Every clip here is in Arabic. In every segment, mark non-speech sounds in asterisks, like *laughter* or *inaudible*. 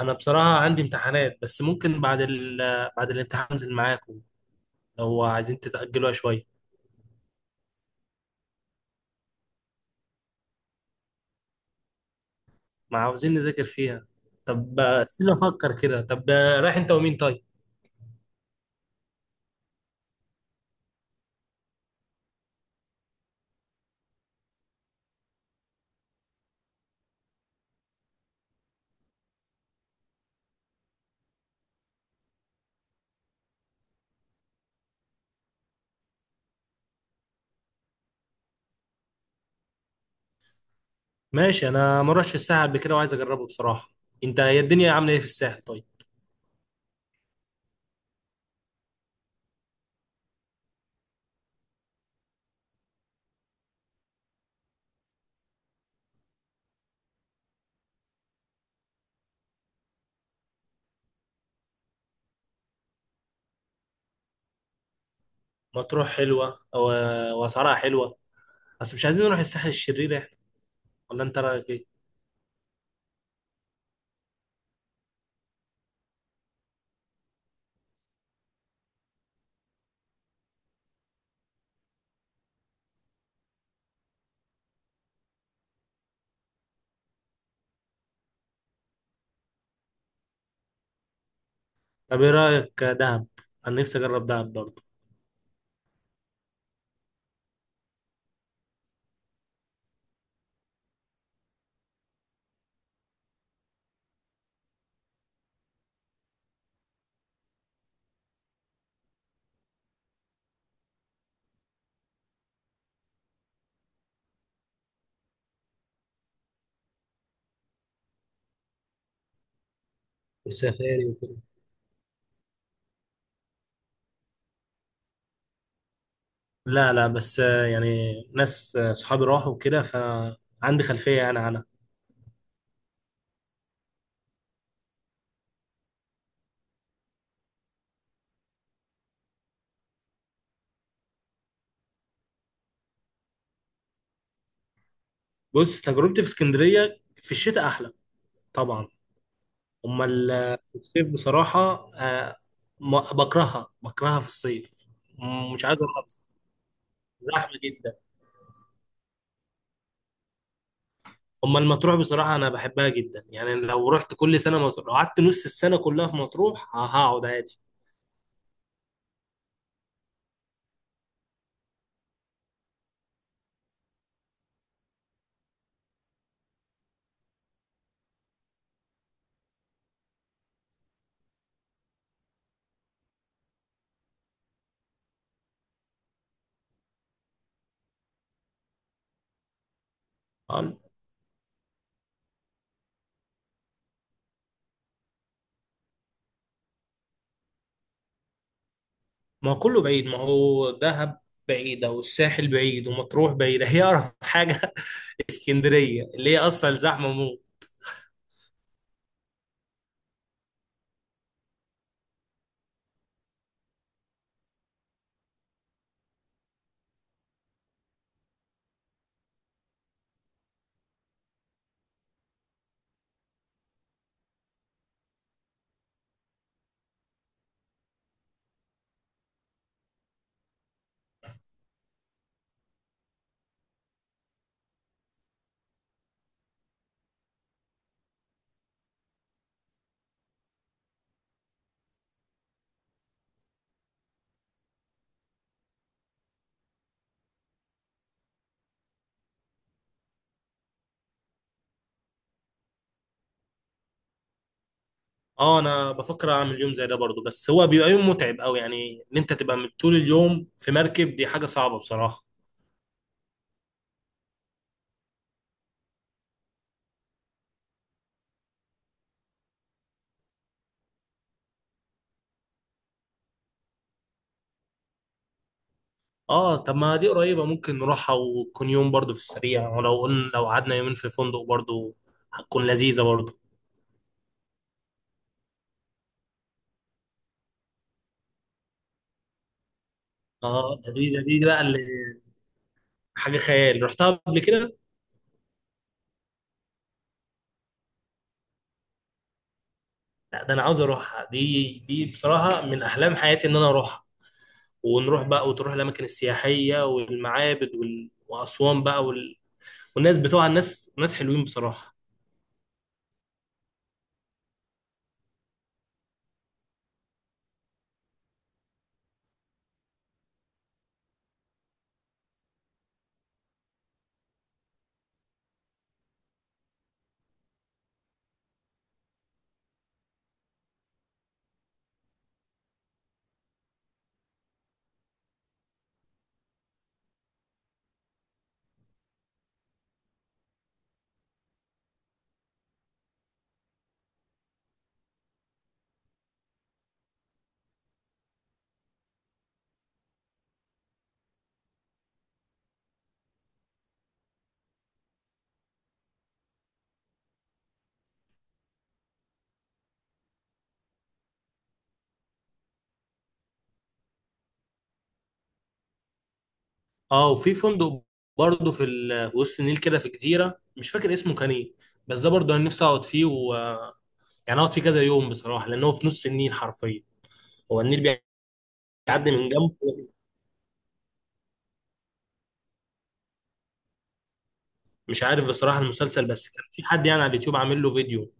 انا بصراحه عندي امتحانات بس ممكن بعد الامتحان انزل معاكم. لو عايزين تتاجلوها شويه، ما عاوزين نذاكر فيها. طب استنى افكر كده. طب رايح انت ومين طيب؟ ماشي، انا ما اروحش الساحل قبل كده وعايز اجربه بصراحه. انت هي الدنيا عامله ايه في الساحل طيب؟ مطروح واسعارها حلوه، بس مش عايزين نروح الساحل الشرير احنا. ولا انت رايك ايه؟ طب ايه رايك دهب؟ انا نفسي اجرب دهب برضه. والسفاري. لا بس يعني ناس صحابي راحوا وكده، فعندي خلفية يعني عنها. بص، تجربتي في اسكندرية في الشتاء أحلى طبعا. أما في الصيف بصراحة، آه، بكرهها، بكرهها في الصيف. مش عايز أروح، زحمة جدا. أما المطروح بصراحة أنا بحبها جدا، يعني لو رحت كل سنة مطروح، لو قعدت نص السنة كلها في مطروح، هقعد عادي. ما هو كله بعيد، ما هو دهب بعيدة والساحل بعيد ومطروح بعيدة، هي أقرب حاجة *laughs* اسكندرية اللي هي أصلا زحمة موت. اه انا بفكر اعمل يوم زي ده برضو، بس هو بيبقى يوم متعب قوي، يعني ان انت تبقى من طول اليوم في مركب دي حاجة صعبة بصراحة. اه طب ما دي قريبة، ممكن نروحها وتكون يوم برضو في السريع، ولو قلنا لو قعدنا يومين في فندق برضو هتكون لذيذة برضو. اه ده دي بقى اللي حاجة خيال، رحتها قبل كده. لا ده انا عاوز اروحها، دي بصراحه من احلام حياتي ان انا اروحها، ونروح بقى وتروح الاماكن السياحيه والمعابد واسوان بقى. والناس بتوع ناس حلوين بصراحه. اه وفي فندق برضه في في وسط النيل كده في جزيره، مش فاكر اسمه كان ايه، بس ده برضه انا نفسي اقعد يعني اقعد فيه كذا يوم بصراحه، لان هو في نص النيل حرفيا. هو النيل بيعدي من جنبه. مش عارف بصراحه المسلسل، بس كان في حد يعني على اليوتيوب عامل له فيديو.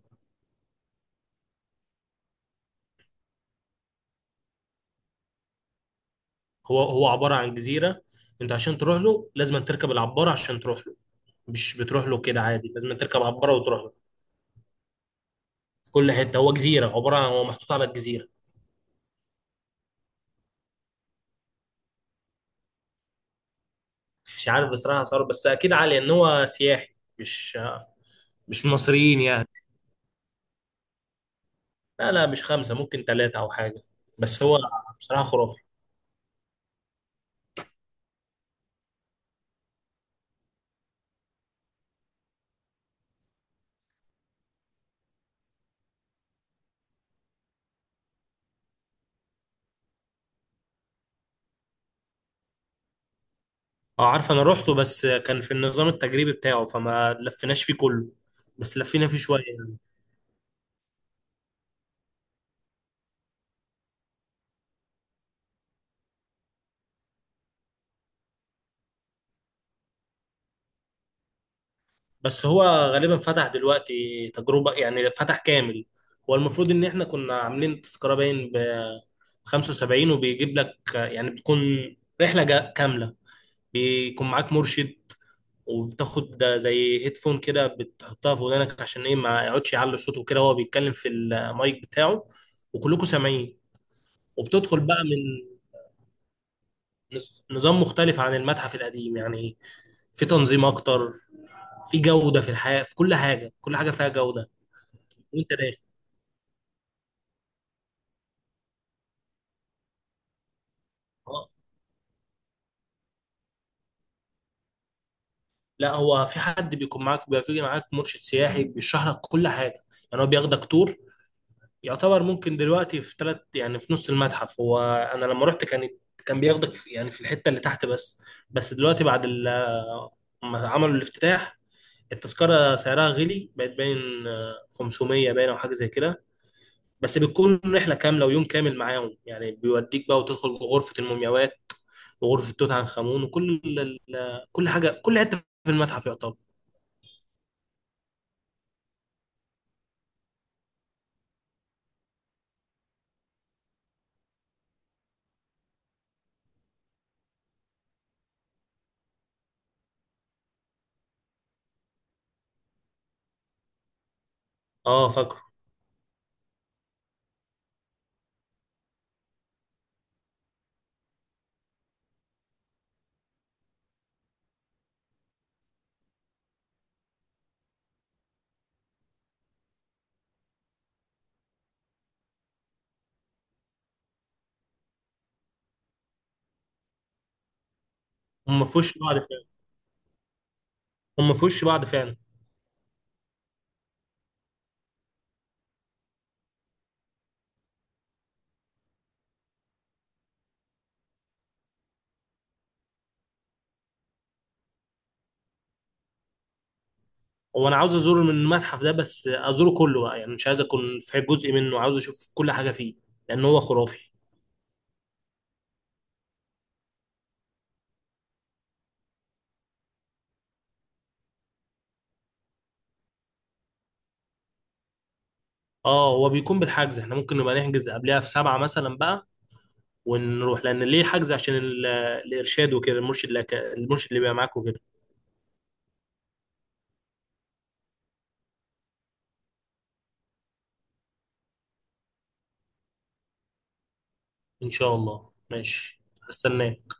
هو عبارة عن جزيرة، انت عشان تروح له لازم تركب العبارة عشان تروح له، مش بتروح له كده عادي، لازم تركب عبارة وتروح له. في كل حتة، هو جزيرة عبارة عن هو محطوط على الجزيرة. مش عارف بصراحة صار، بس أكيد عالي إن هو سياحي، مش مصريين يعني. لا مش خمسة، ممكن ثلاثة أو حاجة. بس هو بصراحة خرافي. اه عارف، أنا روحته بس كان في النظام التجريبي بتاعه فما لفيناش فيه كله، بس لفينا فيه شوية. بس هو غالبا فتح دلوقتي تجربة، يعني فتح كامل. هو المفروض ان احنا كنا عاملين تذكرة باين ب 75، وبيجيب لك يعني بتكون كاملة. بيكون معاك مرشد، وبتاخد زي هيدفون كده بتحطها في ودانك عشان ايه ما يقعدش يعلي صوته كده، وهو بيتكلم في المايك بتاعه وكلكم سامعين. وبتدخل بقى من نظام مختلف عن المتحف القديم يعني، في تنظيم اكتر، في جودة في الحياة، في كل حاجة، كل حاجة فيها جودة. وانت داخل، لا، هو في حد بيكون معاك، بيبقى في معاك مرشد سياحي بيشرح لك كل حاجه، يعني هو بياخدك تور يعتبر. ممكن دلوقتي في ثلاث، يعني في نص المتحف هو، انا لما رحت كانت، كان بياخدك في يعني في الحته اللي تحت بس. بس دلوقتي بعد ما عملوا الافتتاح، التذكره سعرها غلي بقت باين 500، باين او حاجه زي كده، بس بتكون رحله كامله ويوم كامل معاهم، يعني بيوديك بقى وتدخل غرفه المومياوات وغرفه توت عنخ امون، وكل كل حاجه، كل حته في المتحف يعتبر. اه فاكره. هم في وش بعض فعلا، هم في وش بعض فعلا. هو انا عاوز ازور من المتحف ده، بس ازوره كله بقى، يعني مش عايز اكون في جزء منه، عاوز اشوف كل حاجه فيه، لان هو خرافي. اه هو بيكون بالحجز، احنا ممكن نبقى نحجز قبلها في سبعة مثلا بقى ونروح، لان ليه حجز عشان الارشاد وكده، المرشد اللي المرشد اللي بيبقى معاك وكده. ان شاء الله ماشي. هستناك.